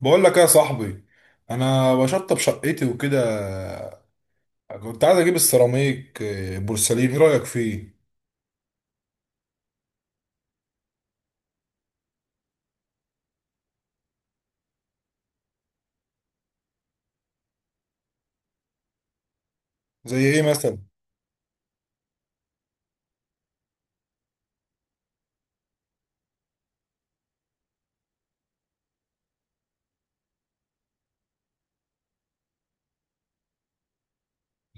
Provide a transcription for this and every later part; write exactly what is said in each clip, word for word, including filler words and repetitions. بقول لك إيه يا صاحبي. انا بشطب شقتي وكده. كنت عايز اجيب السيراميك، آه، بورسلين، ايه رايك فيه؟ زي ايه مثلا؟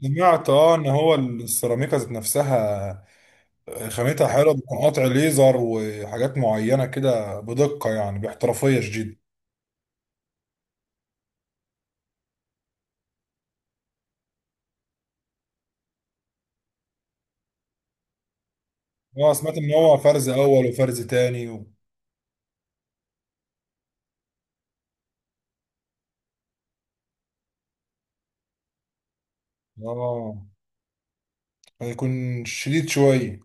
سمعت اه ان هو السيراميكا ذات نفسها. آه، خامتها حلوه، بتكون قطع ليزر وحاجات معينه كده بدقه، يعني باحترافيه شديده. اه سمعت ان هو فرز اول وفرز تاني و... اه هيكون شديد شويه.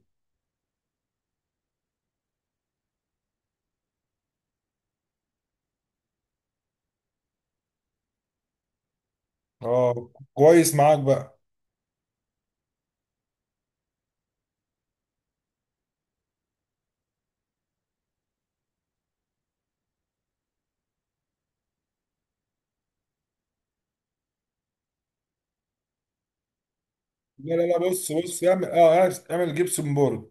اه كويس معاك بقى. لا لا لا، بص بص اعمل، اه اعمل جبسون بورد.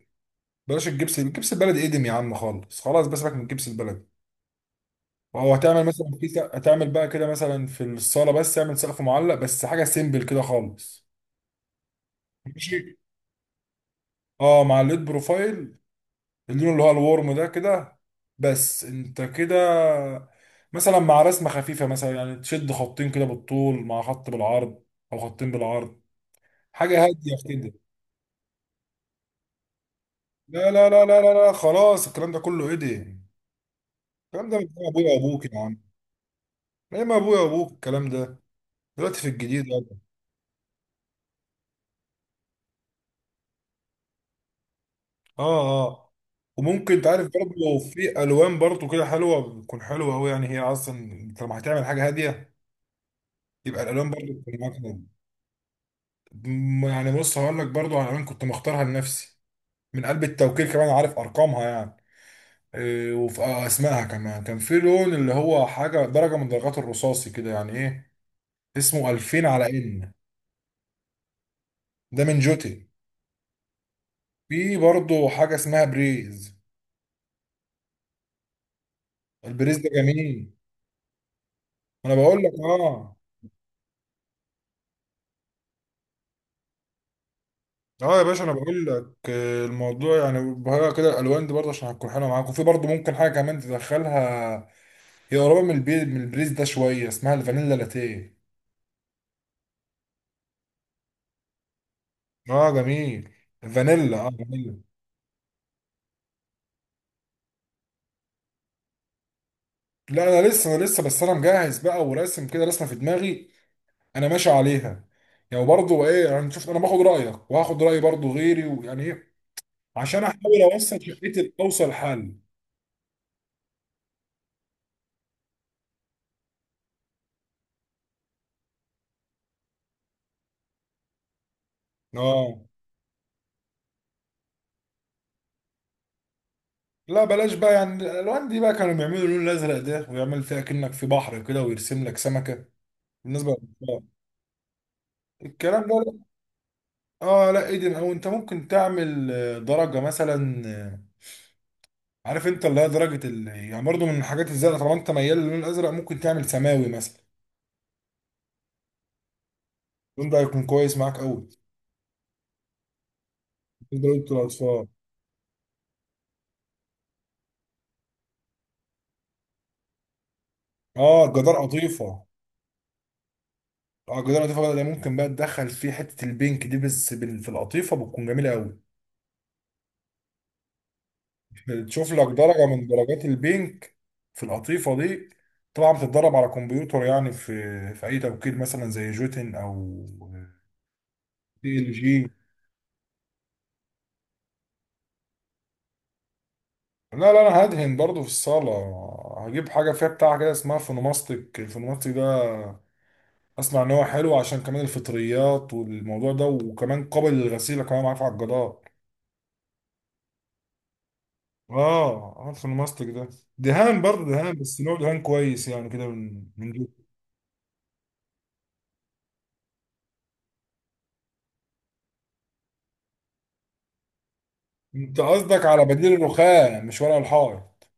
بلاش الجبس الجبس البلدي ادم يا عم خالص، خلاص بس سيبك من الجبس البلدي. او هتعمل مثلا في سق- هتعمل بقى كده مثلا في الصاله بس، اعمل سقف معلق بس، حاجه سيمبل كده خالص. ماشي، اه مع الليد بروفايل. اللون اللي هو الورم ده كده، بس انت كده مثلا مع رسمه خفيفه، مثلا يعني تشد خطين كده بالطول مع خط بالعرض، او خطين بالعرض، حاجه هاديه كده. لا لا لا لا لا لا، خلاص الكلام ده كله ايه ده؟ الكلام ده من أيام ابويا وابوك يا عم. ايه، ما ابويا وابوك الكلام ده، دلوقتي في الجديد يعني. اه اه. وممكن تعرف برضه لو في الوان برضه كده حلوه، بتكون حلوه قوي يعني، هي اصلا انت لما هتعمل حاجه هاديه يبقى الالوان برضه بتكون معاك جامد. م- يعني بص هقول لك برضه على الوان كنت مختارها لنفسي، من قلب التوكيل كمان، عارف ارقامها يعني. إيه، وفي اسمائها كمان، كان في لون اللي هو حاجه، درجه من درجات الرصاصي كده يعني، ايه اسمه، ألفين على ان، ده من جوتي. في برضه حاجه اسمها بريز، البريز ده جميل. انا بقول لك اه. اه يا باشا، انا بقول لك، آه، الموضوع يعني بهرقة كده، الالوان دي برضه عشان هتكون حلوه معاك، وفي برضه ممكن حاجه كمان تدخلها، هي قريبه من البي... من البريز ده شويه، اسمها الفانيلا لاتيه. اه جميل، فانيلا، اه جميل. لا انا لسه، انا لسه بس، انا مجهز بقى وراسم كده رسمه في دماغي انا ماشي عليها. يعني برضه ايه، انا شفت، انا باخد رايك وهاخد راي برضه غيري ويعني ايه، عشان احاول اوصل شقتي، اوصل حل. اه لا بلاش بقى، يعني الالوان دي بقى كانوا بيعملوا اللون الازرق ده، ويعمل فيها كأنك في بحر كده، ويرسم لك سمكة. بالنسبة للأطفال، الكلام ده لا. اه لا ايدن، او انت ممكن تعمل، آه، درجة مثلا، آه، عارف انت اللي هي درجة ال... يعني برضه من الحاجات الزرقاء، طالما انت ميال للون الازرق ممكن تعمل سماوي مثلا. اللون ده هيكون كويس معاك قوي. بالنسبة للاطفال، اه الجدار قطيفة. اه الجدار قطيفة بقى، ده ممكن بقى تدخل فيه حتة البينك دي، بس بال- في القطيفة بتكون جميلة قوي. تشوف لك درجة من درجات البينك في القطيفة دي. طبعا بتتدرب على كمبيوتر يعني، في في أي توكيل مثلا زي جوتن، أو دي ال جي. لا لا، أنا هدهن برضو في الصالة، هجيب حاجة فيها بتاع كده اسمها فونوماستيك. الفونوماستيك ده أسمع إن هو حلو، عشان كمان الفطريات والموضوع ده، وكمان قابل للغسيل، كمان معاه في عجادات. آه آه، الفونوماستيك ده دهان برضه، دهان بس نوع دهان كويس، يعني كده من من جوتن. أنت قصدك على بديل الرخام، مش ورق الحائط؟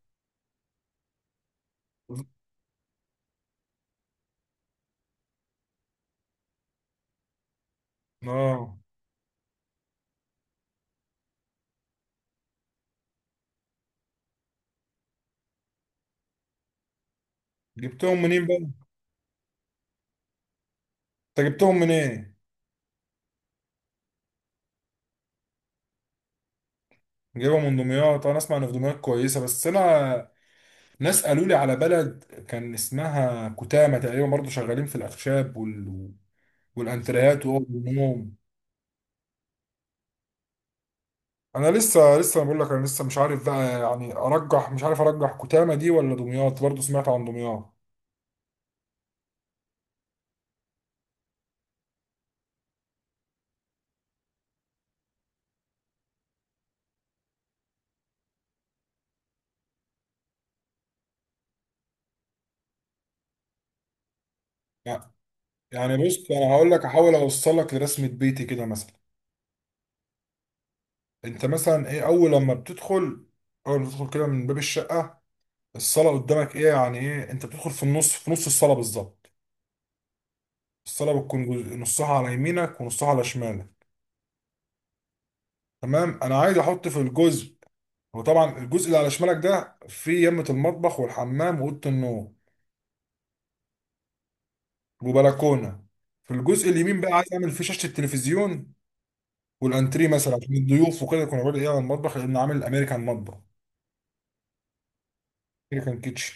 اه جبتهم منين بقى؟ انت جبتهم منين؟ جايبهم من دمياط، انا اسمع ان في دمياط كويسه، بس انا ناس قالوا لي على بلد كان اسمها كتامه تقريبا، برضو شغالين في الاخشاب وال... والانتريات واوض النوم. انا لسه، لسه بقول لك انا لسه مش عارف بقى، يعني ارجح، مش عارف ارجح كتامه دي ولا دمياط، برضو سمعت عن دمياط. يعني يعني بص انا هقول لك، احاول اوصلك لرسمه بيتي كده مثلا. انت مثلا ايه اول لما بتدخل، اول ما بتدخل كده من باب الشقه، الصلاة قدامك ايه، يعني ايه، انت بتدخل في النص، في نص الصلاة بالظبط. الصلاة بتكون جزء نصها على يمينك ونصها على شمالك. تمام، انا عايز احط في الجزء، وطبعا الجزء اللي على شمالك ده فيه يمة المطبخ والحمام وأوضة النوم وبلكونة. في الجزء اليمين بقى عايز اعمل فيه شاشة التلفزيون والانتريه مثلا، عشان الضيوف وكده يكونوا قاعدين ايه على المطبخ، لان عامل امريكان مطبخ، امريكان كيتشن.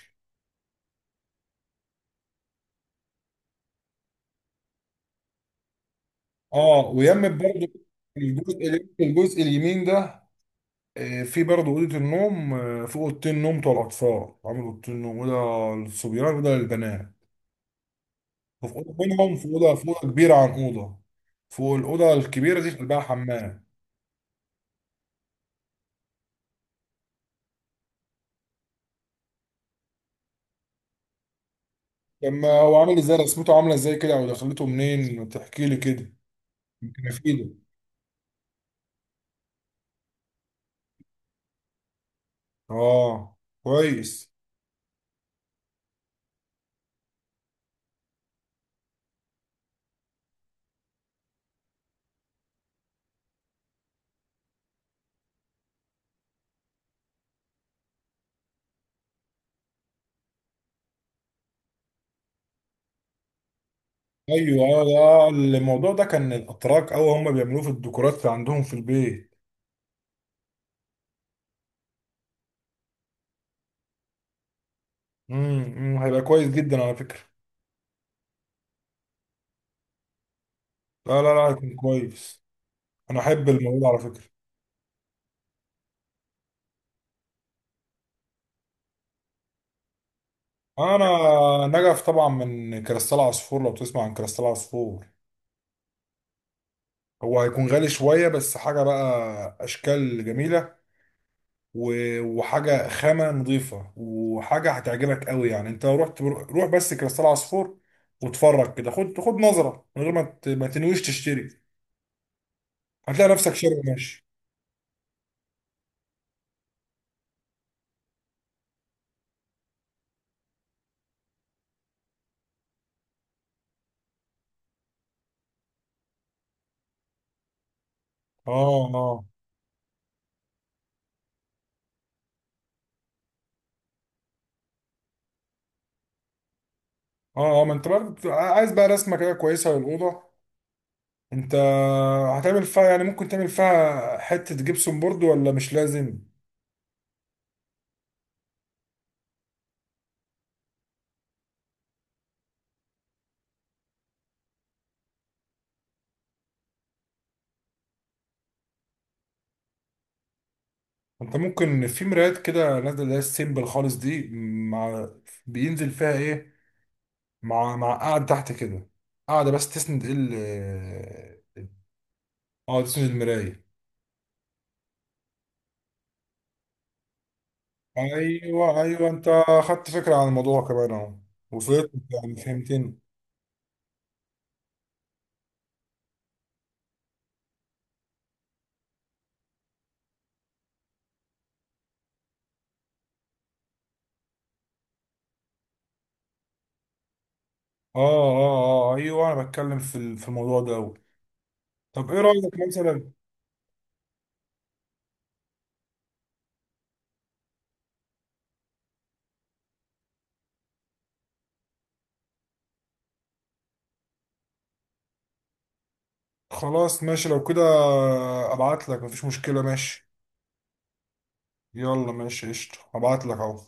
اه ويمت برضه الجزء الجزء اليمين ده، آه، في برضه أوضة النوم، آه، في أوضتين نوم بتوع الأطفال، عامل أوضتين نوم، أوضة للصبيان وأوضة للبنات، وفي أوضة منهم، في أوضة، في أوضة كبيرة عن أوضة. فوق الأوضة الكبيرة دي في قلبها حمام. لما هو عامل إزاي، رسمته عاملة إزاي كده، أو دخلته منين، تحكي لي كده يمكن أفيدك. آه كويس. أيوه، آه، ده الموضوع ده كان الأتراك أو هم بيعملوه في الديكورات اللي عندهم في البيت. امم أمم، هيبقى كويس جدا على فكرة. لا لا لا، هيكون كويس. أنا أحب الموضوع ده على فكرة. انا نجف طبعا من كريستال عصفور، لو تسمع عن كريستال عصفور. هو هيكون غالي شوية، بس حاجة بقى اشكال جميلة، و- وحاجة خامة نظيفة، وحاجة هتعجبك قوي يعني. انت لو رحت، روح بس كريستال عصفور واتفرج كده، خد خد نظرة، من غير ما ت- ما تنويش تشتري، هتلاقي نفسك شاري ماشي. اه اه اه اه، ما انت برضه عايز بقى رسمة كده كويسة للأوضة، انت هتعمل فيها يعني ممكن تعمل فيها حتة جبسون بورد ولا مش لازم؟ انت ممكن في مرايات كده نازله، اللي هي السيمبل خالص دي، مع، بينزل فيها ايه، مع، مع قاعد تحت كده، قاعده بس تسند ال، اه آه، تسند المرايه. ايوه ايوه، انت خدت فكره عن الموضوع كمان اهو، وصلت، يعني فهمتني. اه اه اه ايوه، انا بتكلم في ال- في الموضوع ده أوي. طب ايه رايك مثلا؟ خلاص ماشي لو كده ابعت لك، مفيش مشكله، ماشي. يلا ماشي، قشطه، ابعت لك اهو.